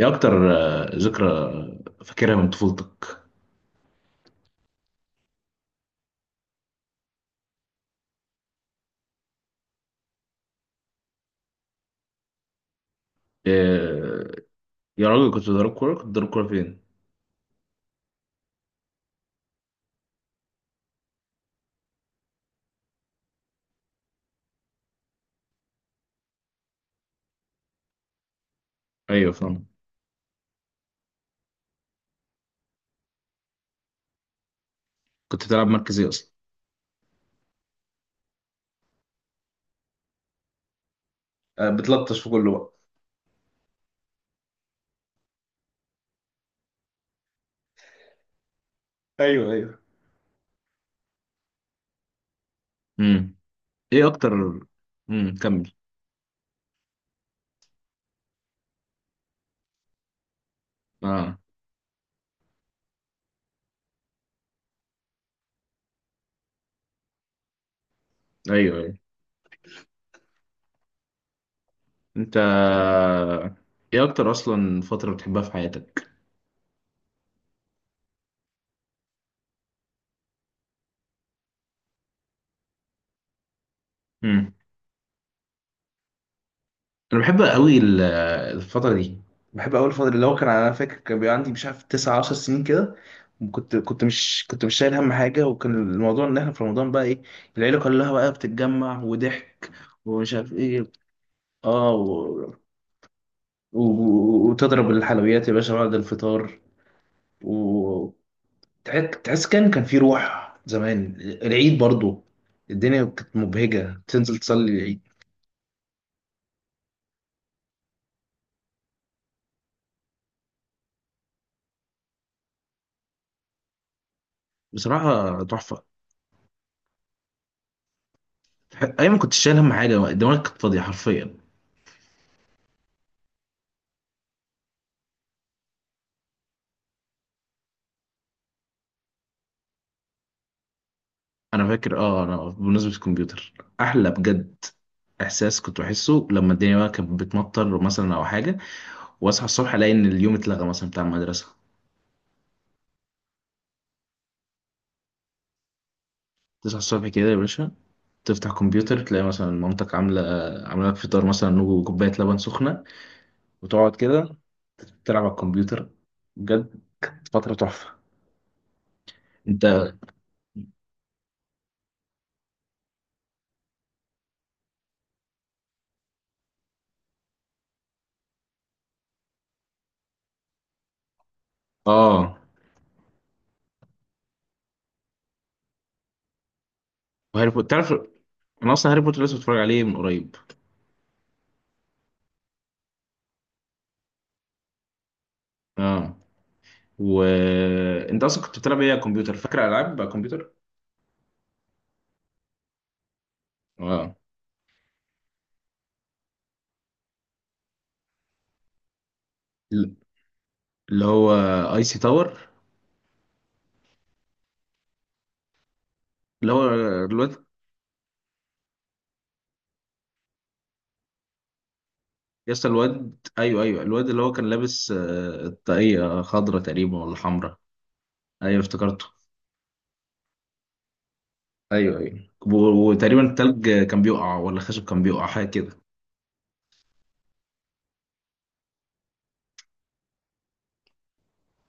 ايه اكتر؟ آه، ذكرى. فاكرها من طفولتك؟ إيه. يا راجل، كنت بتضرب كوره فين؟ ايوه، فاهم. كنت بتلعب مركز ايه اصلا؟ آه، بتلطش في كله بقى. ايوه، ايوه. امم. ايه اكتر؟ كمل. اه. ايوه، ايوه. انت. ايه اكتر اصلا فتره بتحبها في حياتك؟ امم. انا بحب قوي الفتره دي. بحب قوي الفتره اللي هو، كان انا فاكر كان بيبقى عندي مش عارف 19 سنين كده. كنت مش شايل هم حاجه، وكان الموضوع ان احنا في رمضان بقى، ايه، العيله كلها بقى بتتجمع وضحك ومش عارف ايه. اه، و... و... و- وتضرب الحلويات يا باشا بعد الفطار. و تحس كان في روح زمان العيد برضو. الدنيا كانت مبهجه تنزل تصلي العيد. بصراحه تحفه. ايام ما كنتش شايل هم حاجه، دماغك كانت فاضيه حرفيا. انا فاكر، انا بمناسبه الكمبيوتر، احلى بجد احساس كنت بحسه لما الدنيا بقى كانت بتمطر مثلا او حاجه، واصحى الصبح الاقي ان اليوم اتلغى مثلا بتاع المدرسه. تصحى الصبح كده يا باشا، تفتح كمبيوتر، تلاقي مثلا مامتك عامله لك فطار مثلا وكوبايه لبن سخنه، وتقعد كده تلعب على الكمبيوتر. بجد فتره تحفه. انت اه وهاري بوتر، تعرف؟ انا اصلا هاري بوتر لسه بتفرج عليه من قريب. اه. وانت اصلا كنت بتلعب ايه على الكمبيوتر؟ فاكر العاب على الكمبيوتر؟ اه. اللي هو اي سي تاور. اللي هو الواد، يس، الواد، ايوه، ايوه، الواد اللي هو كان لابس طاقية خضرة تقريبا، ولا حمرا؟ ايوه، افتكرته. ايوه، ايوه، و- وتقريبا التلج كان بيقع ولا الخشب كان بيقع، حاجة كده.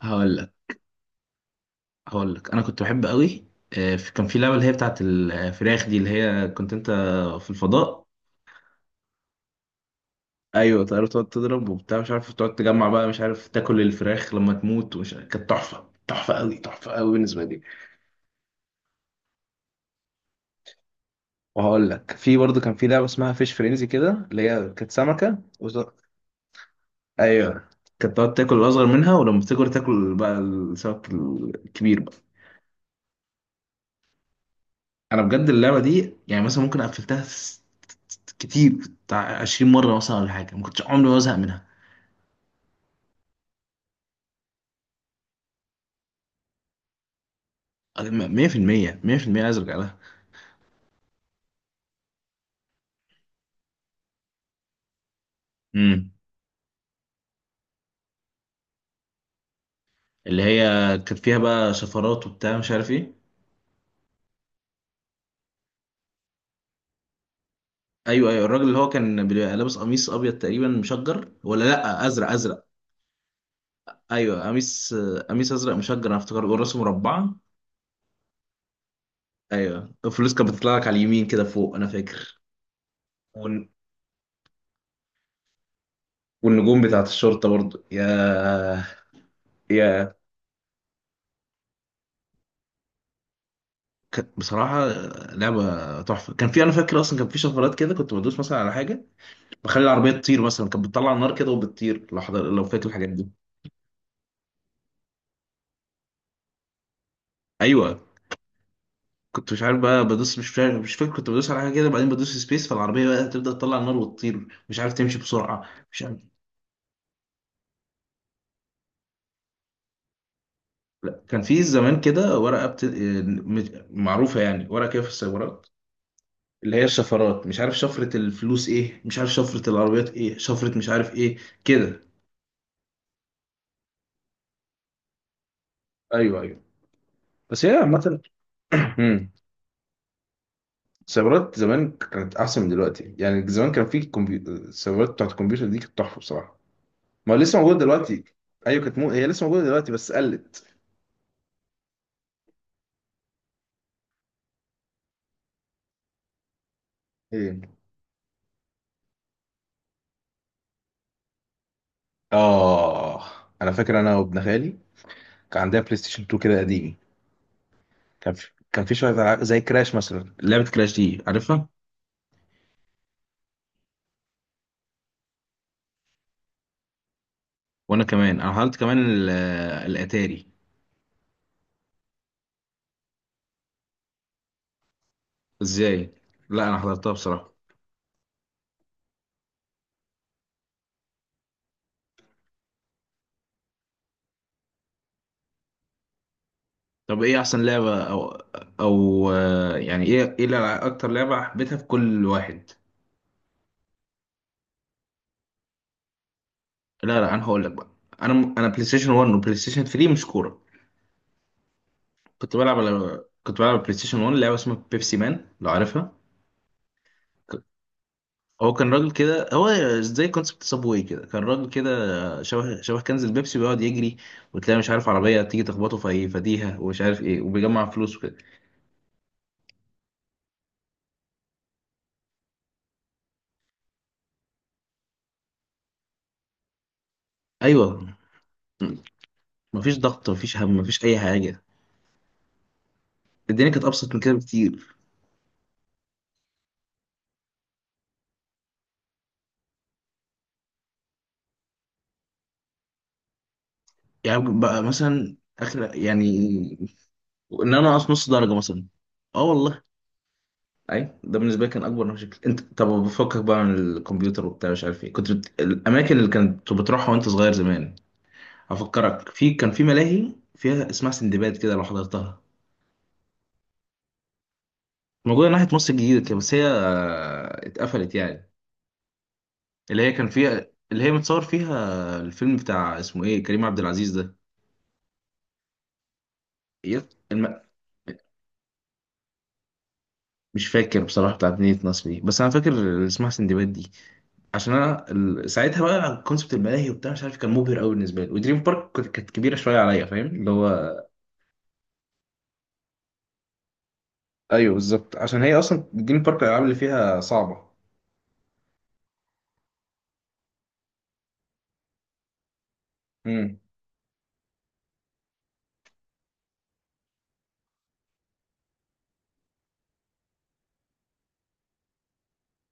هقول لك هقول لك، انا كنت بحب قوي كان في لعبة اللي هي بتاعت الفراخ دي، اللي هي كنت انت في الفضاء. ايوه، طيارة تقعد تضرب وبتاع، مش عارف، تقعد تجمع بقى، مش عارف، تاكل الفراخ لما تموت، ومش، كانت تحفة، تحفة قوي، تحفة قوي بالنسبة لي. وهقول لك، في برضه كان في لعبه اسمها فيش فرينزي كده، اللي هي كانت سمكه وز... ايوه، كانت تقعد تاكل الاصغر منها، ولما بتكبر تاكل بقى السمك الكبير بقى. انا بجد اللعبه دي يعني مثلا ممكن قفلتها، س-، كتير، بتاع 20 مره مثلا ولا حاجه، ما كنتش عمري ما ازهق منها. 100%، 100% عايز ارجع لها. امم. اللي هي كانت فيها بقى شفرات وبتاع، مش عارف ايه. ايوه، ايوه، الراجل اللي هو كان بيبقى لابس قميص ابيض تقريبا مشجر، ولا لا، ازرق، ازرق. ايوه، قميص ازرق مشجر انا افتكر، والراسه مربعه. ايوه، الفلوس كانت بتطلع لك على اليمين كده فوق، انا فاكر. والن- والنجوم بتاعت الشرطه برضو، يا، يا، بصراحه، لعبه تحفه. كان في، انا فاكر اصلا، كان في شفرات كده، كنت بدوس مثلا على حاجه بخلي العربيه تطير مثلا، كانت بتطلع النار كده وبتطير لو حضر لو فاكر الحاجات دي. ايوه، كنت مش عارف بقى بدوس، مش فاكر كنت بدوس على حاجه كده، بعدين بدوس سبيس فالعربيه بقى تبدا تطلع النار وتطير، مش عارف تمشي بسرعه، مش عارف. لا، كان في زمان كده ورقة بت... آه، مش- معروفة يعني، ورقة كده في السيارات، اللي هي الشفرات، مش عارف شفرة الفلوس ايه، مش عارف شفرة العربيات ايه، شفرة مش عارف ايه، كده. ايوه، ايوه، بس هي عامة. مم. السيارات زمان كانت احسن من دلوقتي، يعني زمان كان في كمبيوتر، السيارات بتاعت الكمبيوتر دي كانت تحفة بصراحة. ما هو لسه موجودة دلوقتي. ايوه، كانت هي لسه موجودة دلوقتي بس قلت. ايه. اه، انا فاكر انا وابن خالي كان عندنا بلاي ستيشن 2 كده قديم. كان في شويه ألعاب زي كراش مثلا. لعبه كراش دي عارفها؟ وانا كمان، انا حضرت كمان الاتاري. ازاي؟ لا، انا حضرتها بصراحه. طب ايه احسن لعبه، او يعني اكتر لعبه حبيتها في كل واحد؟ لا، لا، انا هقول لك بقى، انا انا بلاي ستيشن 1 وبلاي ستيشن 3 مش كوره. كنت بلعب على بلاي ستيشن 1 لعبه اسمها بيبسي مان لو عارفها. هو كان راجل كده، هو زي كونسبت صابواي كده، كان راجل كده شبه كنز البيبسي، بيقعد يجري، وتلاقي مش عارف عربية تيجي تخبطه في أي فديها ومش عارف ايه، وبيجمع فلوس وكده. ايوه. م- مفيش ضغط، مفيش هم، مفيش اي حاجة. الدنيا كانت ابسط من كده بكتير. يعني بقى مثلا اخر، يعني ان انا اقص نص درجة مثلا. اه، والله. اي ده بالنسبة لي كان اكبر مشكلة. انت طب، بفكك بقى من الكمبيوتر وبتاع، مش عارف ايه، كنت الاماكن اللي كنت بتروحها وانت صغير زمان؟ هفكرك، في كان في ملاهي فيها اسمها سندباد كده، لو حضرتها. موجودة ناحية مصر الجديدة كده، بس هي اتقفلت يعني. اللي هي كان فيها، اللي هي متصور فيها الفيلم بتاع اسمه ايه، كريم عبد العزيز ده. إيه؟ مش فاكر بصراحة بتاعت مدينة نصر دي، بس أنا فاكر اللي اسمها سندباد دي. عشان أنا ساعتها بقى كونسبت الملاهي وبتاع، مش عارف، كان مبهر أوي بالنسبة لي، ودريم بارك كانت كبيرة شوية عليا، فاهم اللي هو. أيوه بالظبط، عشان هي أصلا دريم بارك الألعاب اللي فيها صعبة. امم.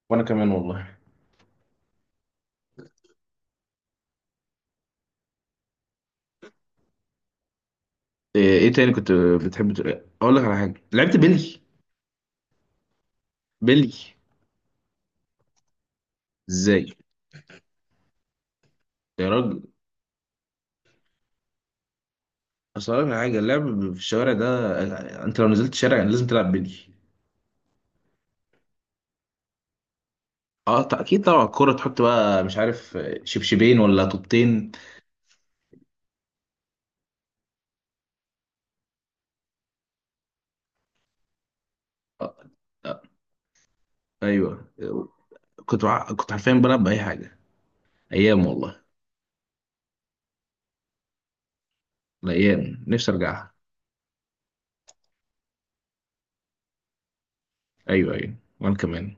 وأنا كمان والله. ايه تاني كنت بتحب؟ اقول لك على حاجه، لعبت بيلي؟ بيلي؟ ازاي؟ يا راجل، اصل أقول لك على حاجه، اللعب في الشوارع ده انت لو نزلت الشارع لازم تلعب بيلي. اه، اكيد طبعا الكوره، تحط بقى مش عارف شبشبين ولا طوبتين. آه. آه. ايوه. كنت حرفيا بلعب باي حاجه. ايام والله. الايام نفسي ارجعها. ايوه، ايوه، وانا كمان.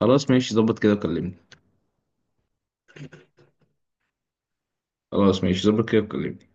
خلاص ماشي، ظبط كده وكلمني. خلاص ماشي، ظبط كده وكلمني.